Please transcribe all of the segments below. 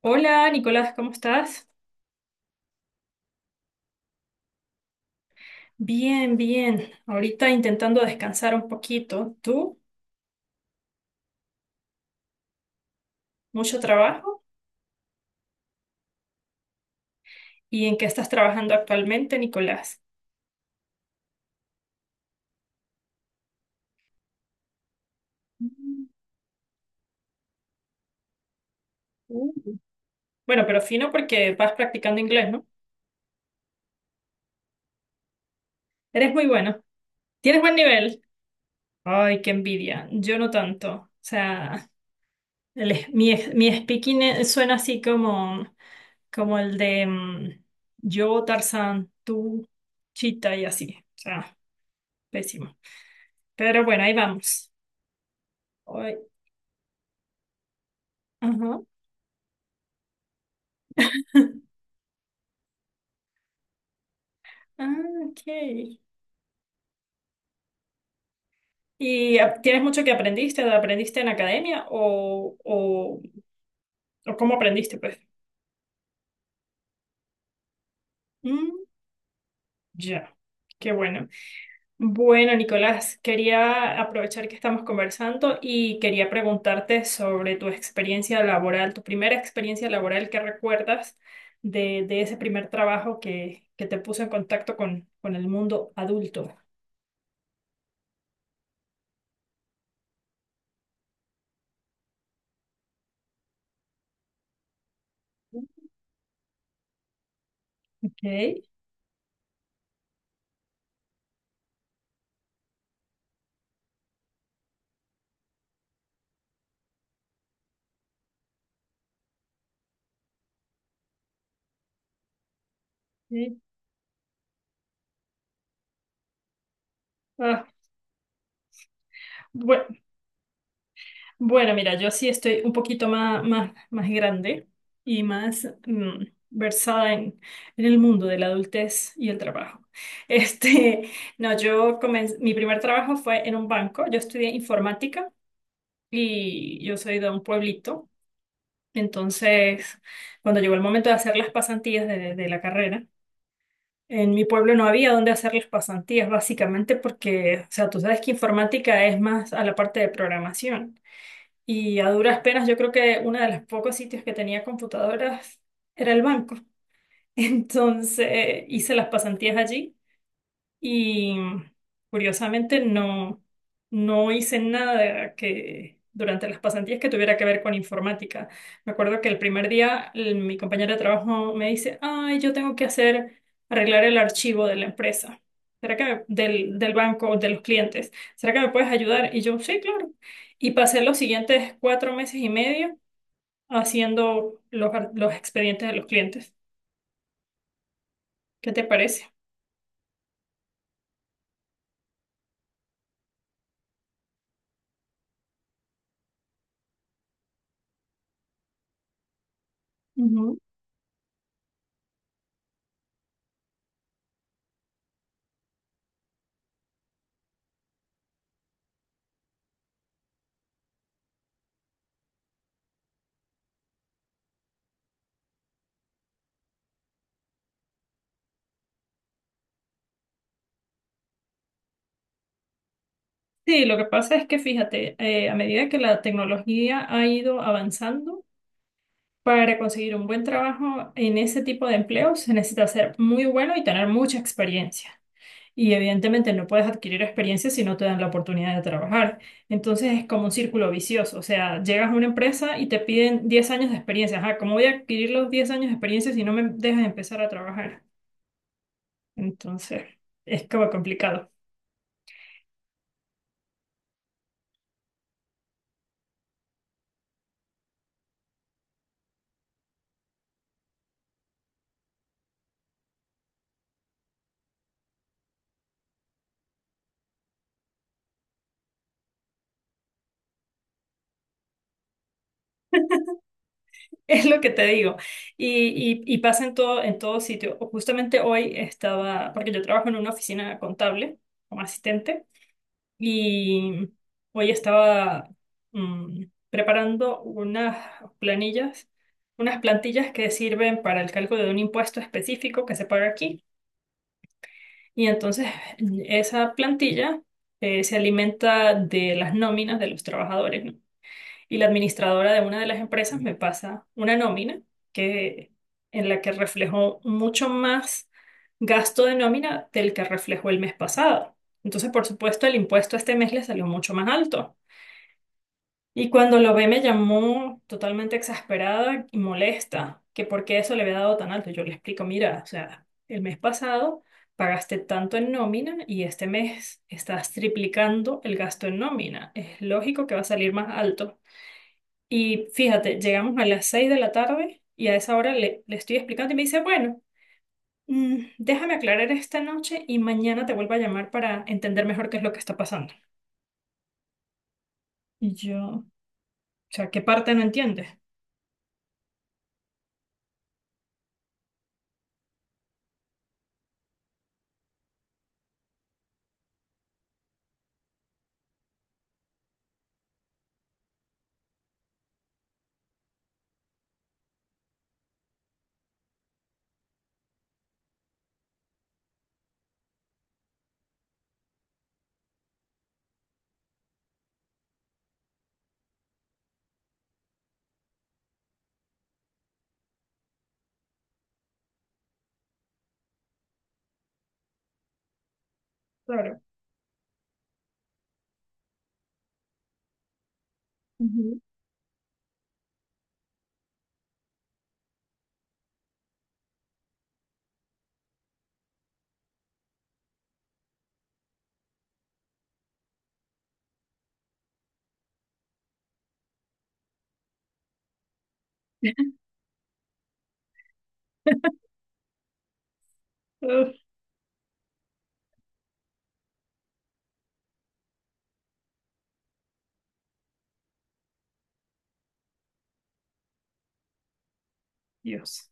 Hola, Nicolás, ¿cómo estás? Bien, bien. Ahorita intentando descansar un poquito. ¿Tú? ¿Mucho trabajo? ¿Y en qué estás trabajando actualmente, Nicolás? Mm, uh. Bueno, pero fino porque vas practicando inglés, ¿no? Eres muy bueno. ¿Tienes buen nivel? Ay, qué envidia. Yo no tanto. O sea, el es- mi speaking suena así como, como el de yo, Tarzán, tú, Chita y así. O sea, pésimo. Pero bueno, ahí vamos. Ay, ajá. Ah, ok. ¿Tienes mucho que aprendiste? ¿Aprendiste en academia o cómo aprendiste, pues? Mm, ya. Qué bueno. Bueno, Nicolás, quería aprovechar que estamos conversando y quería preguntarte sobre tu experiencia laboral, tu primera experiencia laboral que recuerdas de ese primer trabajo que te puso en contacto con el mundo adulto. Ok. Sí. Ah, bu- Bueno, mira, yo sí estoy un poquito más grande y más versada en el mundo de la adultez y el trabajo. Este, no, yo comencé, mi primer trabajo fue en un banco. Yo estudié informática y yo soy de un pueblito. Entonces, cuando llegó el momento de hacer las pasantías de la carrera, en mi pueblo no había dónde hacer las pasantías, básicamente porque, o sea, tú sabes que informática es más a la parte de programación. Y a duras penas, yo creo que uno de los pocos sitios que tenía computadoras era el banco. Entonces hice las pasantías allí y curiosamente no hice nada que durante las pasantías que tuviera que ver con informática. Me acuerdo que el primer día mi compañera de trabajo me dice, ay, yo tengo que hacer, arreglar el archivo de la empresa. ¿Será que del banco, de los clientes? ¿Será que me puedes ayudar? Y yo, sí, claro. Y pasé los siguientes cuatro meses y medio haciendo los expedientes de los clientes. ¿Qué te parece? Sí, lo que pasa es que fíjate, a medida que la tecnología ha ido avanzando, para conseguir un buen trabajo en ese tipo de empleo se necesita ser muy bueno y tener mucha experiencia. Y evidentemente no puedes adquirir experiencia si no te dan la oportunidad de trabajar. Entonces es como un círculo vicioso. O sea, llegas a una empresa y te piden 10 años de experiencia. Ajá, ¿cómo voy a adquirir los 10 años de experiencia si no me dejas empezar a trabajar? Entonces es como complicado. Es lo que te digo. Y pasa en todo sitio. O justamente hoy estaba, porque yo trabajo en una oficina contable como asistente, y hoy estaba mm, preparando unas planillas, unas plantillas que sirven para el cálculo de un impuesto específico que se paga aquí. Y entonces esa plantilla se alimenta de las nóminas de los trabajadores, ¿no? Y la administradora de una de las empresas me pasa una nómina que, en la que reflejó mucho más gasto de nómina del que reflejó el mes pasado. Entonces, por supuesto, el impuesto este mes le salió mucho más alto. Y cuando lo ve me llamó totalmente exasperada y molesta, que por qué eso le había dado tan alto. Yo le explico, mira, o sea, el mes pasado pagaste tanto en nómina y este mes estás triplicando el gasto en nómina. Es lógico que va a salir más alto. Y fíjate, llegamos a las 6 de la tarde y a esa hora le estoy explicando y me dice, bueno, déjame aclarar esta noche y mañana te vuelvo a llamar para entender mejor qué es lo que está pasando. Y yo, o sea, ¿qué parte no entiendes? Claro. Ujú. Uf, Dios.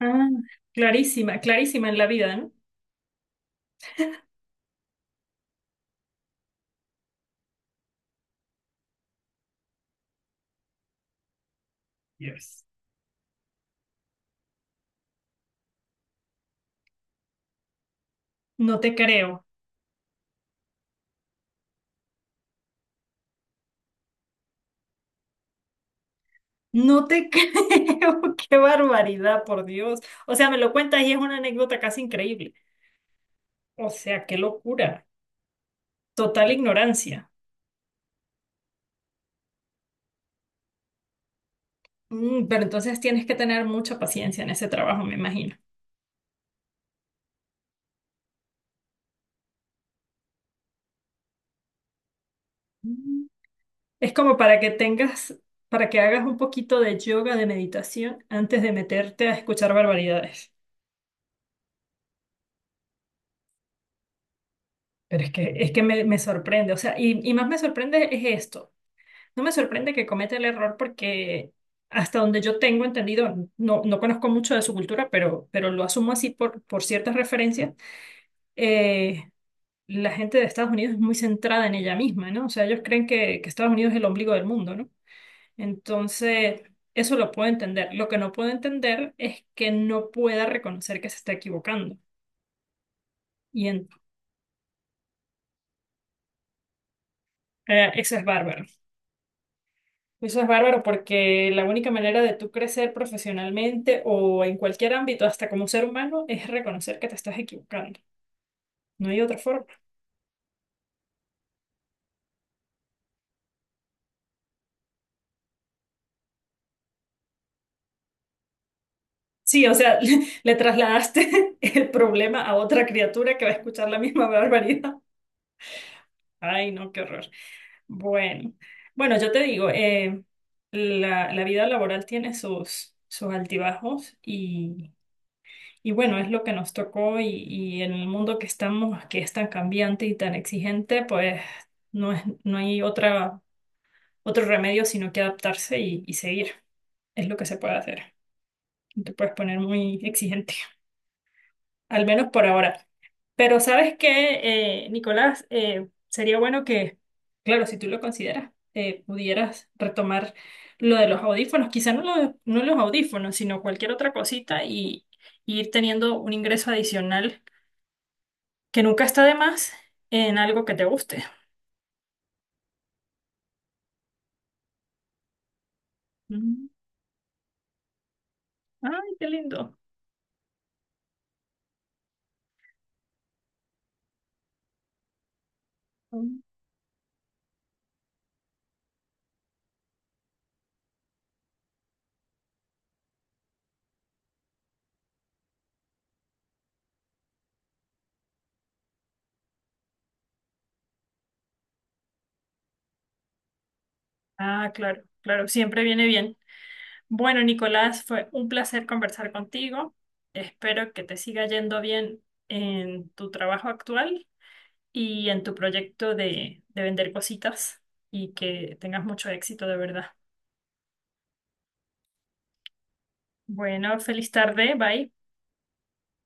Ah, clarísima, clarísima en la vida, ¿no? Yes. No te creo. No te creo. Qué barbaridad, por Dios. O sea, me lo cuentas y es una anécdota casi increíble. O sea, qué locura. Total ignorancia. Mm, pero entonces tienes que tener mucha paciencia en ese trabajo, me imagino. Mm. Es como para que tengas, para que hagas un poquito de yoga, de meditación, antes de meterte a escuchar barbaridades. Pero es que me sorprende, o sea, y más me sorprende es esto. No me sorprende que cometa el error porque hasta donde yo tengo entendido, no conozco mucho de su cultura, pero lo asumo así por ciertas referencias, eh, la gente de Estados Unidos es muy centrada en ella misma, ¿no? O sea, ellos creen que Estados Unidos es el ombligo del mundo, ¿no? Entonces, eso lo puedo entender. Lo que no puedo entender es que no pueda reconocer que se está equivocando. Y en- Eso es bárbaro. Eso es bárbaro porque la única manera de tú crecer profesionalmente o en cualquier ámbito, hasta como ser humano, es reconocer que te estás equivocando. No hay otra forma. Sí, o sea, le trasladaste el problema a otra criatura que va a escuchar la misma barbaridad. Ay, no, qué horror. Bueno, bueno, yo te digo, la vida laboral tiene sus altibajos y bueno, es lo que nos tocó y en el mundo que estamos, que es tan cambiante y tan exigente, pues no es, no hay otra, otro remedio sino que adaptarse y seguir. Es lo que se puede hacer. No te puedes poner muy exigente, al menos por ahora. Pero ¿sabes qué, Nicolás? Sería bueno que, claro, si tú lo consideras, pudieras retomar lo de los audífonos, quizá no, no los audífonos, sino cualquier otra cosita y ir teniendo un ingreso adicional que nunca está de más en algo que te guste. Mm. Ay, qué lindo. Mm. Ah, claro, claro, siempre viene bien. Bueno, Nicolás, fue un placer conversar contigo. Espero que te siga yendo bien en tu trabajo actual y en tu proyecto de vender cositas y que tengas mucho éxito, de verdad. Bueno, feliz tarde, bye.